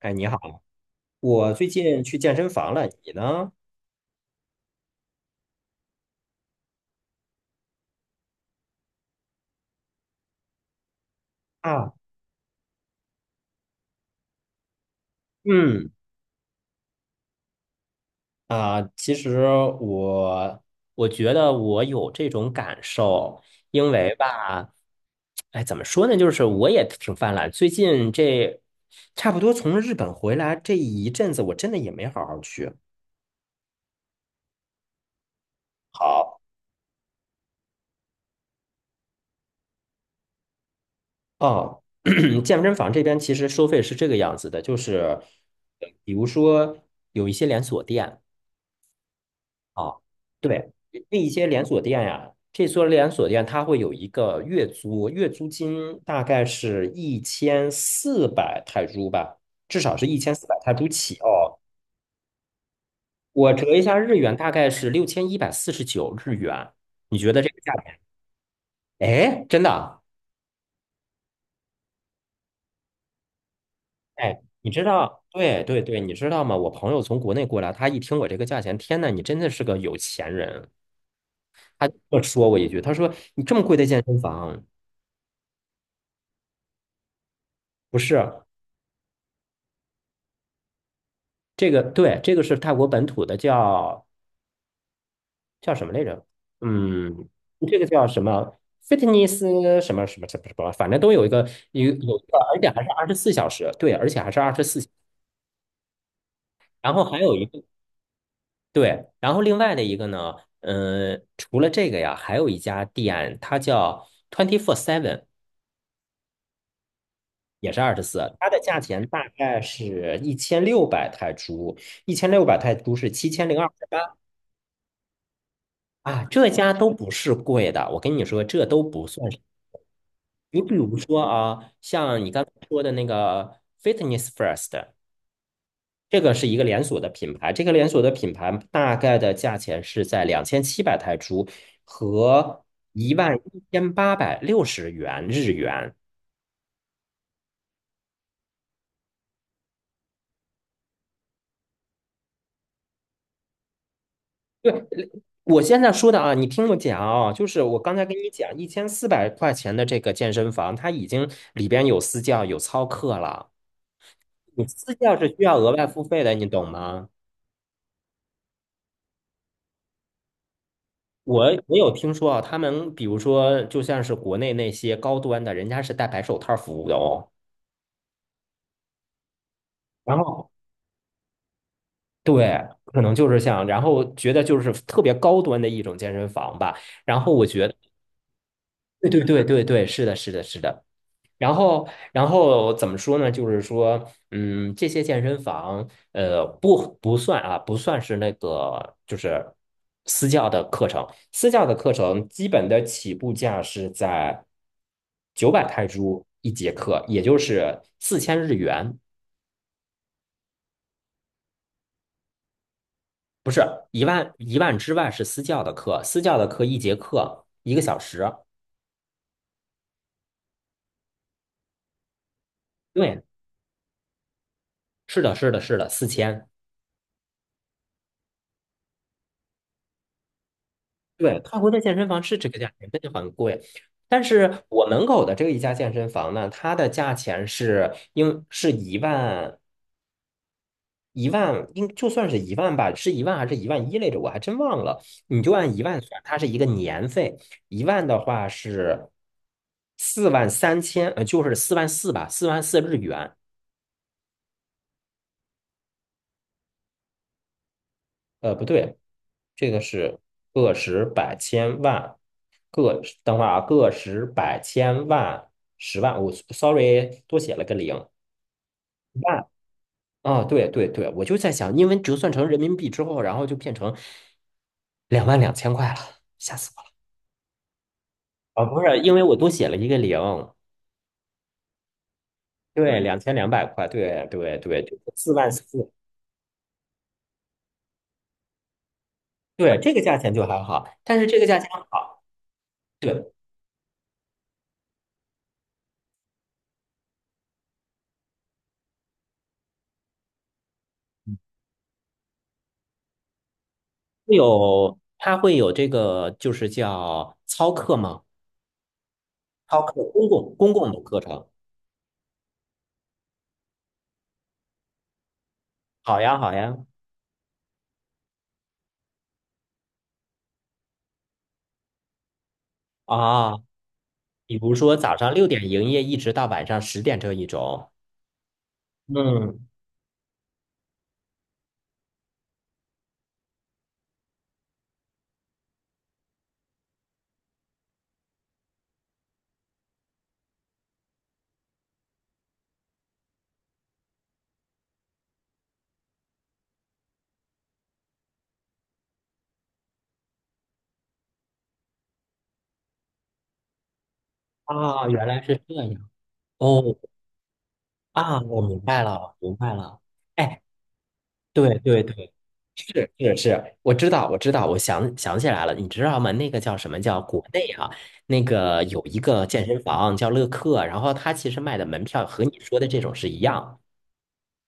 哎，你好，我最近去健身房了，你呢？啊，嗯，啊，其实我我觉得我有这种感受，因为吧，哎，怎么说呢，就是我也挺犯懒，最近这差不多从日本回来这一阵子，我真的也没好好去。好，哦，健身房这边其实收费是这个样子的，就是比如说有一些连锁店。啊，对，那一些连锁店呀、这所连锁店它会有一个月租，月租金大概是一千四百泰铢吧，至少是一千四百泰铢起哦。我折一下日元，大概是6149日元。你觉得这个价钱？哎，真的啊？哎，你知道？对对对，你知道吗？我朋友从国内过来，他一听我这个价钱，天呐，你真的是个有钱人。他就说我一句，他说你这么贵的健身房不是？这个对，这个是泰国本土的，叫什么来着？嗯，这个叫什么？fitness 什么什么什么什么，反正都有一个，而且还是24小时，对，而且还是二十四。然后还有一个对，然后另外的一个呢，嗯、除了这个呀，还有一家店，它叫 Twenty Four Seven，也是二十四，它的价钱大概是一千六百泰铢，一千六百泰铢是7028。啊，这家都不是贵的，我跟你说，这都不算是。你比如说啊，像你刚才说的那个 Fitness First，这个是一个连锁的品牌，这个连锁的品牌大概的价钱是在2700泰铢和11860日元。对，我现在说的啊，你听我讲啊，就是我刚才跟你讲，1400块钱的这个健身房，它已经里边有私教，有操课了。你私教是需要额外付费的，你懂吗？我有听说啊，他们比如说，就像是国内那些高端的，人家是戴白手套服务的哦。然后对，可能就是像，然后觉得就是特别高端的一种健身房吧。然后我觉得，对对对对对，是的，是的，是的。然后，怎么说呢？就是说，这些健身房，不算啊，不算是那个，就是私教的课程。私教的课程基本的起步价是在900泰铢一节课，也就是4000日元，不是一万之外是私教的课，私教的课一节课一个小时。对，是的，是的，是的，四千。对，泰国的健身房是这个价钱，真的很贵。但是我门口的这一家健身房呢，它的价钱是应是一万，应就算是一万吧，是一万还是一万一来着？我还真忘了。你就按一万算，它是一个年费，一万的话是43000，就是四万四吧，44000日元。不对，这个是个十百千万，个等会儿啊，个十百千万十万，我 sorry 多写了个零万啊，对对对，我就在想，因为折算成人民币之后，然后就变成22000块了，吓死我了啊！不是，因为我多写了一个零，对，2200块，对对对，对四万四，对，这个价钱就还好，但是这个价钱好，对，它会有这个就是叫操课吗？超课，公共的课程。好呀，好呀。啊，比如说早上6点营业，一直到晚上10点这一种。嗯，啊，原来是这样。哦，啊，我明白了，明白了。哎，对对对，是是是，我知道，我知道，我想想起来了，你知道吗？那个叫什么叫国内啊？那个有一个健身房叫乐客，然后他其实卖的门票和你说的这种是一样。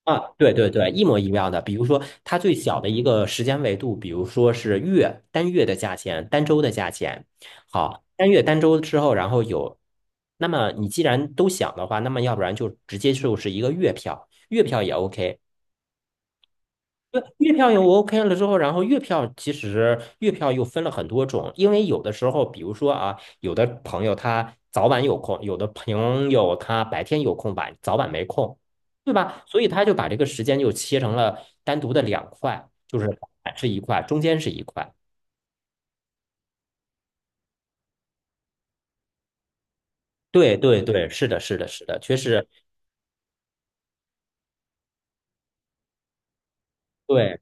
啊，对对对，一模一样的。比如说，它最小的一个时间维度，比如说是月，单月的价钱，单周的价钱。好，单月单周之后，然后有，那么你既然都想的话，那么要不然就直接就是一个月票，月票也 OK。对，月票有 OK 了之后，然后月票其实月票又分了很多种，因为有的时候，比如说啊，有的朋友他早晚有空，有的朋友他白天有空，晚早晚没空，对吧？所以他就把这个时间就切成了单独的两块，就是早晚是一块，中间是一块。对对对，是的，是的，是的，确实对，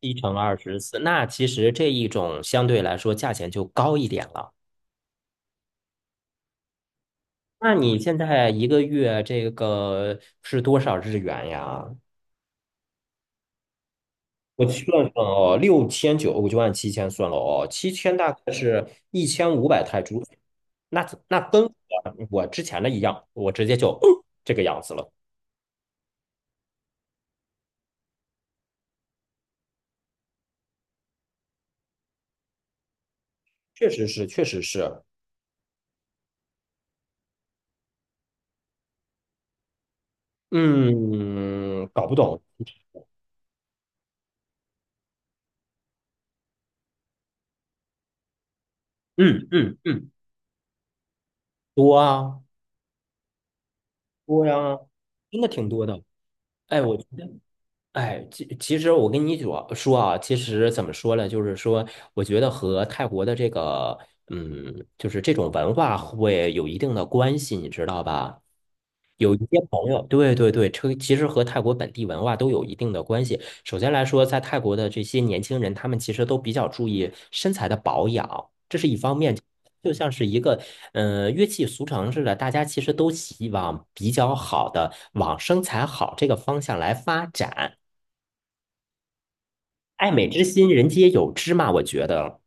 一乘二十四，那其实这一种相对来说价钱就高一点了。那你现在一个月这个是多少日元呀？我算算哦，6900，我就按七千算了哦，七千大概是1500泰铢，那跟我之前的一样，我直接就 哦这个样子了，确实是，确实是，嗯，搞不懂，嗯嗯嗯，多啊多呀，真的挺多的，哎，我觉得。哎，其实我跟你主要说啊，其实怎么说呢，就是说，我觉得和泰国的这个，就是这种文化会有一定的关系，你知道吧？有一些朋友，对对对，这其实和泰国本地文化都有一定的关系。首先来说，在泰国的这些年轻人，他们其实都比较注意身材的保养，这是一方面。就像是一个，乐器俗成似的，大家其实都希望比较好的往身材好这个方向来发展。爱美之心，人皆有之嘛，我觉得。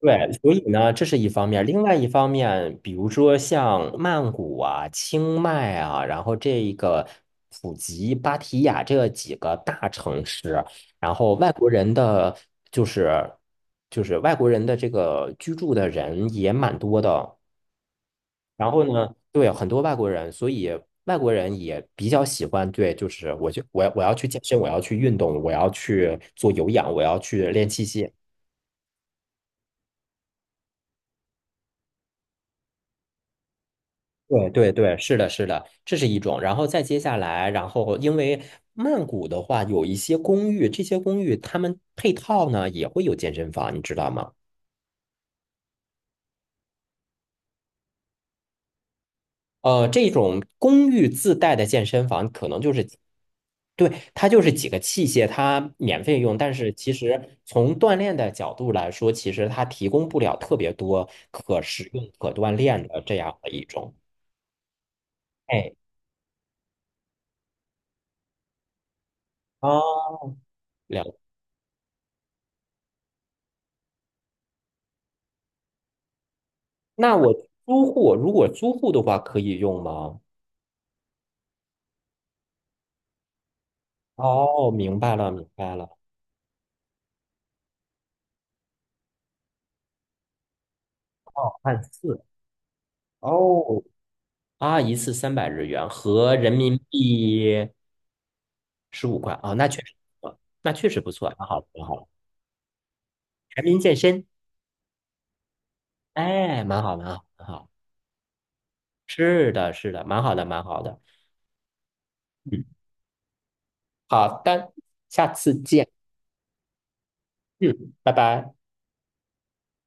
对，所以呢，这是一方面。另外一方面，比如说像曼谷啊、清迈啊，然后这一个普吉、芭提雅这几个大城市，然后外国人的就是就是外国人的这个居住的人也蛮多的。然后呢，对，很多外国人，所以外国人也比较喜欢，对，就是我就我要去健身，我要去运动，我要去做有氧，我要去练器械。对对对，是的，是的，这是一种。然后再接下来，然后因为曼谷的话，有一些公寓，这些公寓他们配套呢也会有健身房，你知道吗？这种公寓自带的健身房可能就是，对，它就是几个器械，它免费用，但是其实从锻炼的角度来说，其实它提供不了特别多可使用、可锻炼的这样的一种。哎，啊，了，那我租户如果租户的话，可以用吗？哦，明白了，明白了。哦，按四。哦，啊，一次300日元合人民币15块啊，哦那确实不错，那确实不错，蛮好的，蛮好的。全民健身，哎，蛮好，蛮好，蛮好。是的，是的，蛮好的，蛮好的。嗯，好的，下次见。嗯，拜拜。